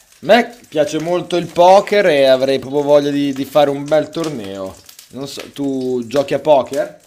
A me piace molto il poker e avrei proprio voglia di fare un bel torneo. Non so, tu giochi a poker?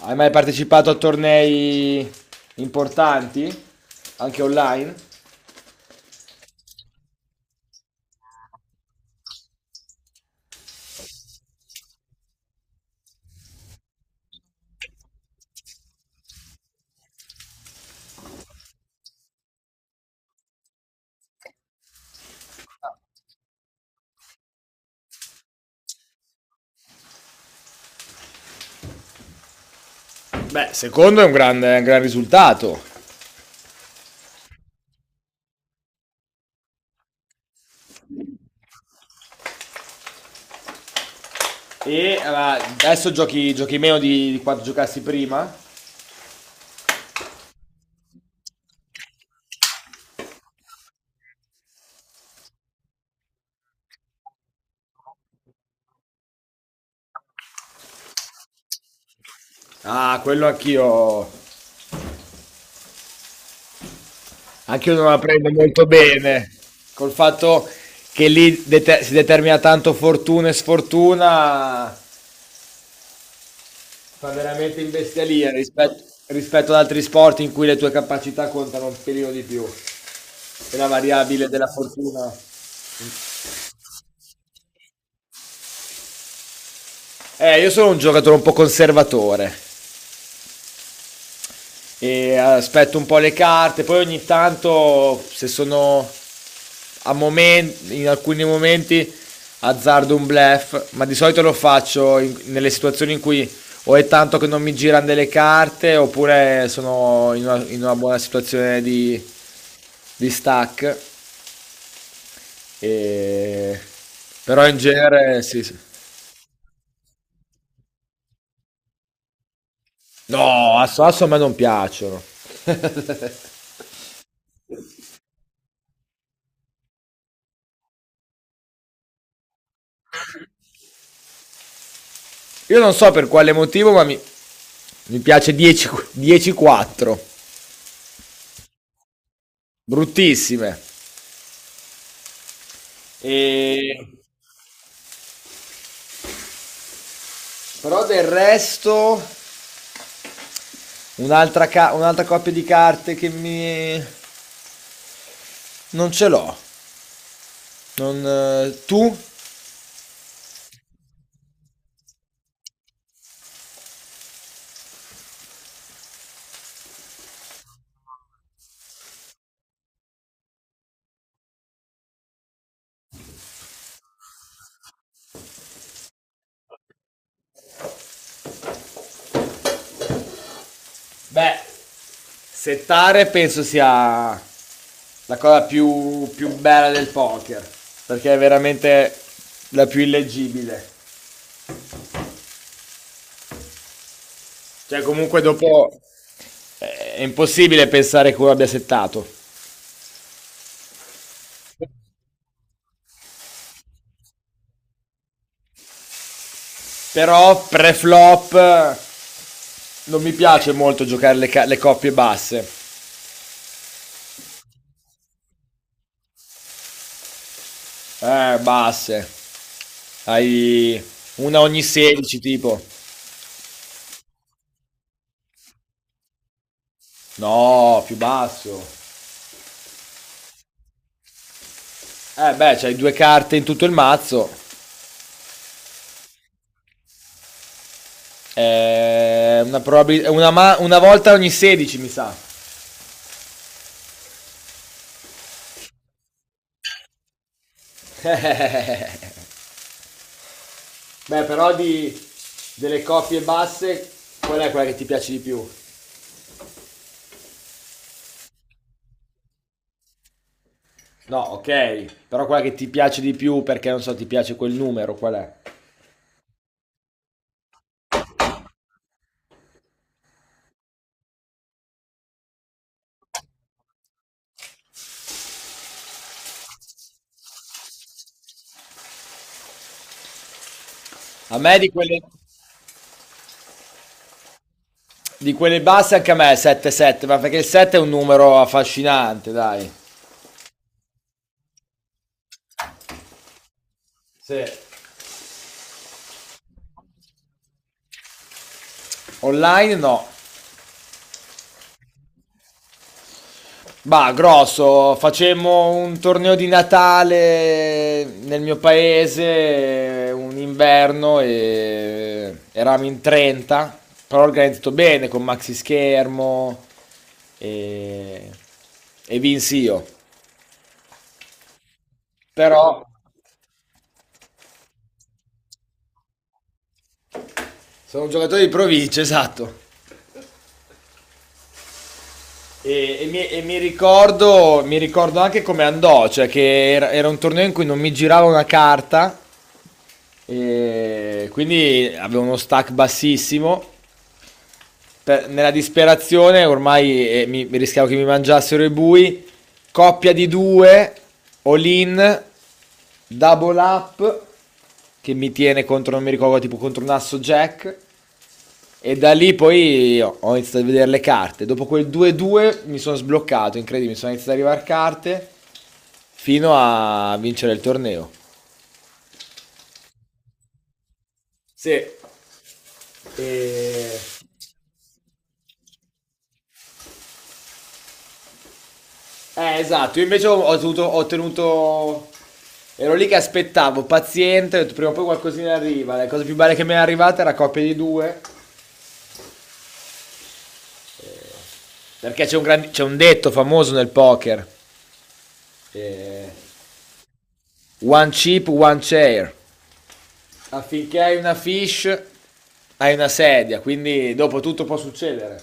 Hai mai partecipato a tornei importanti? Anche online? Beh, secondo è un gran risultato. Adesso giochi meno di quanto giocassi prima? Ah, quello anch'io. Anch'io non la prendo molto bene. Col fatto che lì si determina tanto fortuna e sfortuna, fa veramente in bestialia rispetto ad altri sport in cui le tue capacità contano un pelino di più e la variabile della fortuna. Io sono un giocatore un po' conservatore e aspetto un po' le carte, poi ogni tanto se sono in alcuni momenti azzardo un bluff, ma di solito lo faccio nelle situazioni in cui o è tanto che non mi girano delle carte oppure sono in una buona situazione di stack. E... Però in genere sì, sì. No, Asso Asso a me non piacciono. Io non so per quale motivo, ma mi piace 10 10-4. Bruttissime. E... Però del resto, un'altra coppia di carte che mi... Non ce l'ho. Non, tu? Beh, settare penso sia la cosa più bella del poker, perché è veramente la più illeggibile. Cioè, comunque dopo è impossibile pensare che uno abbia settato. Però pre-flop non mi piace molto giocare le coppie basse. Basse. Hai una ogni 16 tipo. No, più basso. Eh beh, c'hai due carte in tutto il mazzo. Una volta ogni 16 mi sa. Beh, però delle coppie basse, qual è quella che ti piace di più? No, ok, però quella che ti piace di più perché non so, ti piace quel numero, qual è? A me di quelle basse anche a me è 7-7, ma perché il 7 è un numero affascinante, dai. Sì. Online no. Bah, grosso, facemmo un torneo di Natale nel mio paese, un inverno, e eravamo in 30, però organizzato bene con maxi schermo e, e vinsi io. Però sono un giocatore di provincia, esatto. Mi ricordo anche come andò, cioè che era un torneo in cui non mi girava una carta, e quindi avevo uno stack bassissimo nella disperazione ormai mi rischiavo che mi mangiassero i bui. Coppia di due, all in, double up, che mi tiene contro, non mi ricordo, tipo contro un asso jack. E da lì poi ho iniziato a vedere le carte. Dopo quel 2-2 mi sono sbloccato, incredibile, sono iniziato ad arrivare carte fino a vincere il torneo. Sì. E... esatto, io invece ho ottenuto... Ero lì che aspettavo, paziente, ho detto, prima o poi qualcosina arriva. La cosa più bella che mi è arrivata era coppia di due, perché c'è c'è un detto famoso nel poker. eh, One chip, one chair. Affinché hai una fish, hai una sedia, quindi dopo tutto può succedere.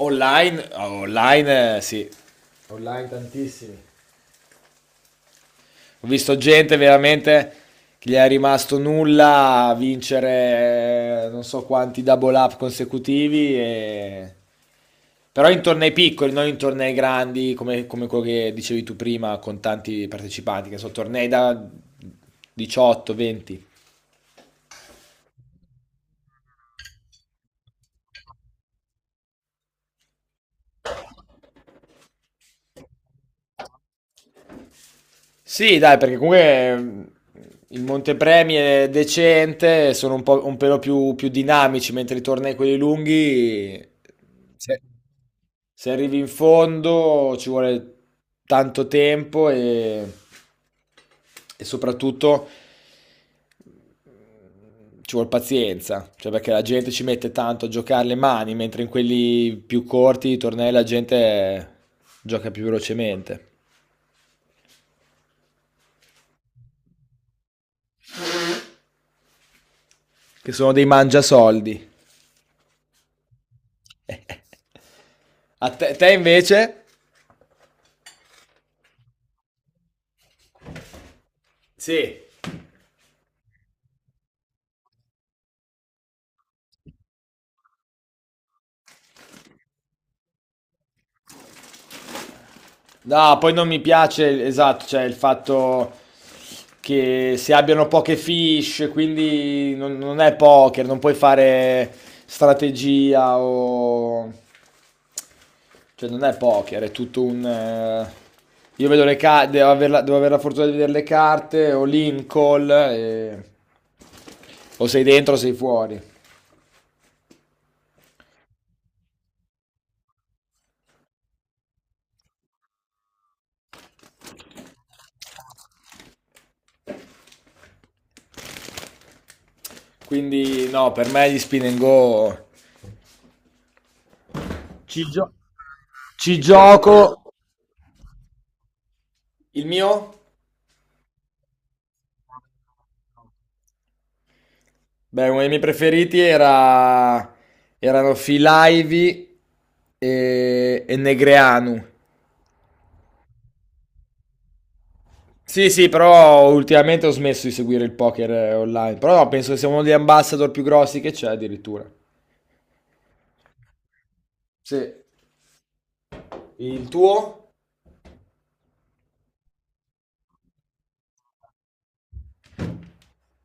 Online, sì. Online tantissimi. Ho visto gente veramente che gli è rimasto nulla a vincere non so quanti double up consecutivi, però in tornei piccoli, non in tornei grandi come quello che dicevi tu prima con tanti partecipanti, che sono tornei da 18, 20. Sì, dai, perché comunque il Montepremi è decente, sono un pelo più dinamici, mentre i tornei quelli lunghi... se- Se arrivi in fondo ci vuole tanto tempo e soprattutto ci vuole pazienza, cioè perché la gente ci mette tanto a giocare le mani, mentre in quelli più corti i tornei la gente gioca più velocemente, che sono dei mangiasoldi. A te invece? Sì. No, poi non mi piace, esatto, cioè il fatto che si abbiano poche fish, quindi non è poker, non puoi fare strategia o... cioè non è poker, è tutto un... Io vedo le carte, devo avere la fortuna di vedere le carte, o in call, o sei dentro o sei fuori. Quindi no, per me gli spin and go... Ci, gio- ci gioco... Il mio? Beh, uno dei miei preferiti erano Filaivi e Negreanu. Sì, sì, però ultimamente ho smesso di seguire il poker online. Però no, penso che sia uno degli ambassador più grossi che c'è addirittura. Sì. Il tuo?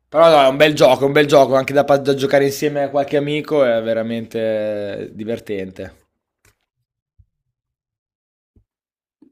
Però no, è un bel gioco, è un bel gioco, anche da giocare insieme a qualche amico è veramente divertente.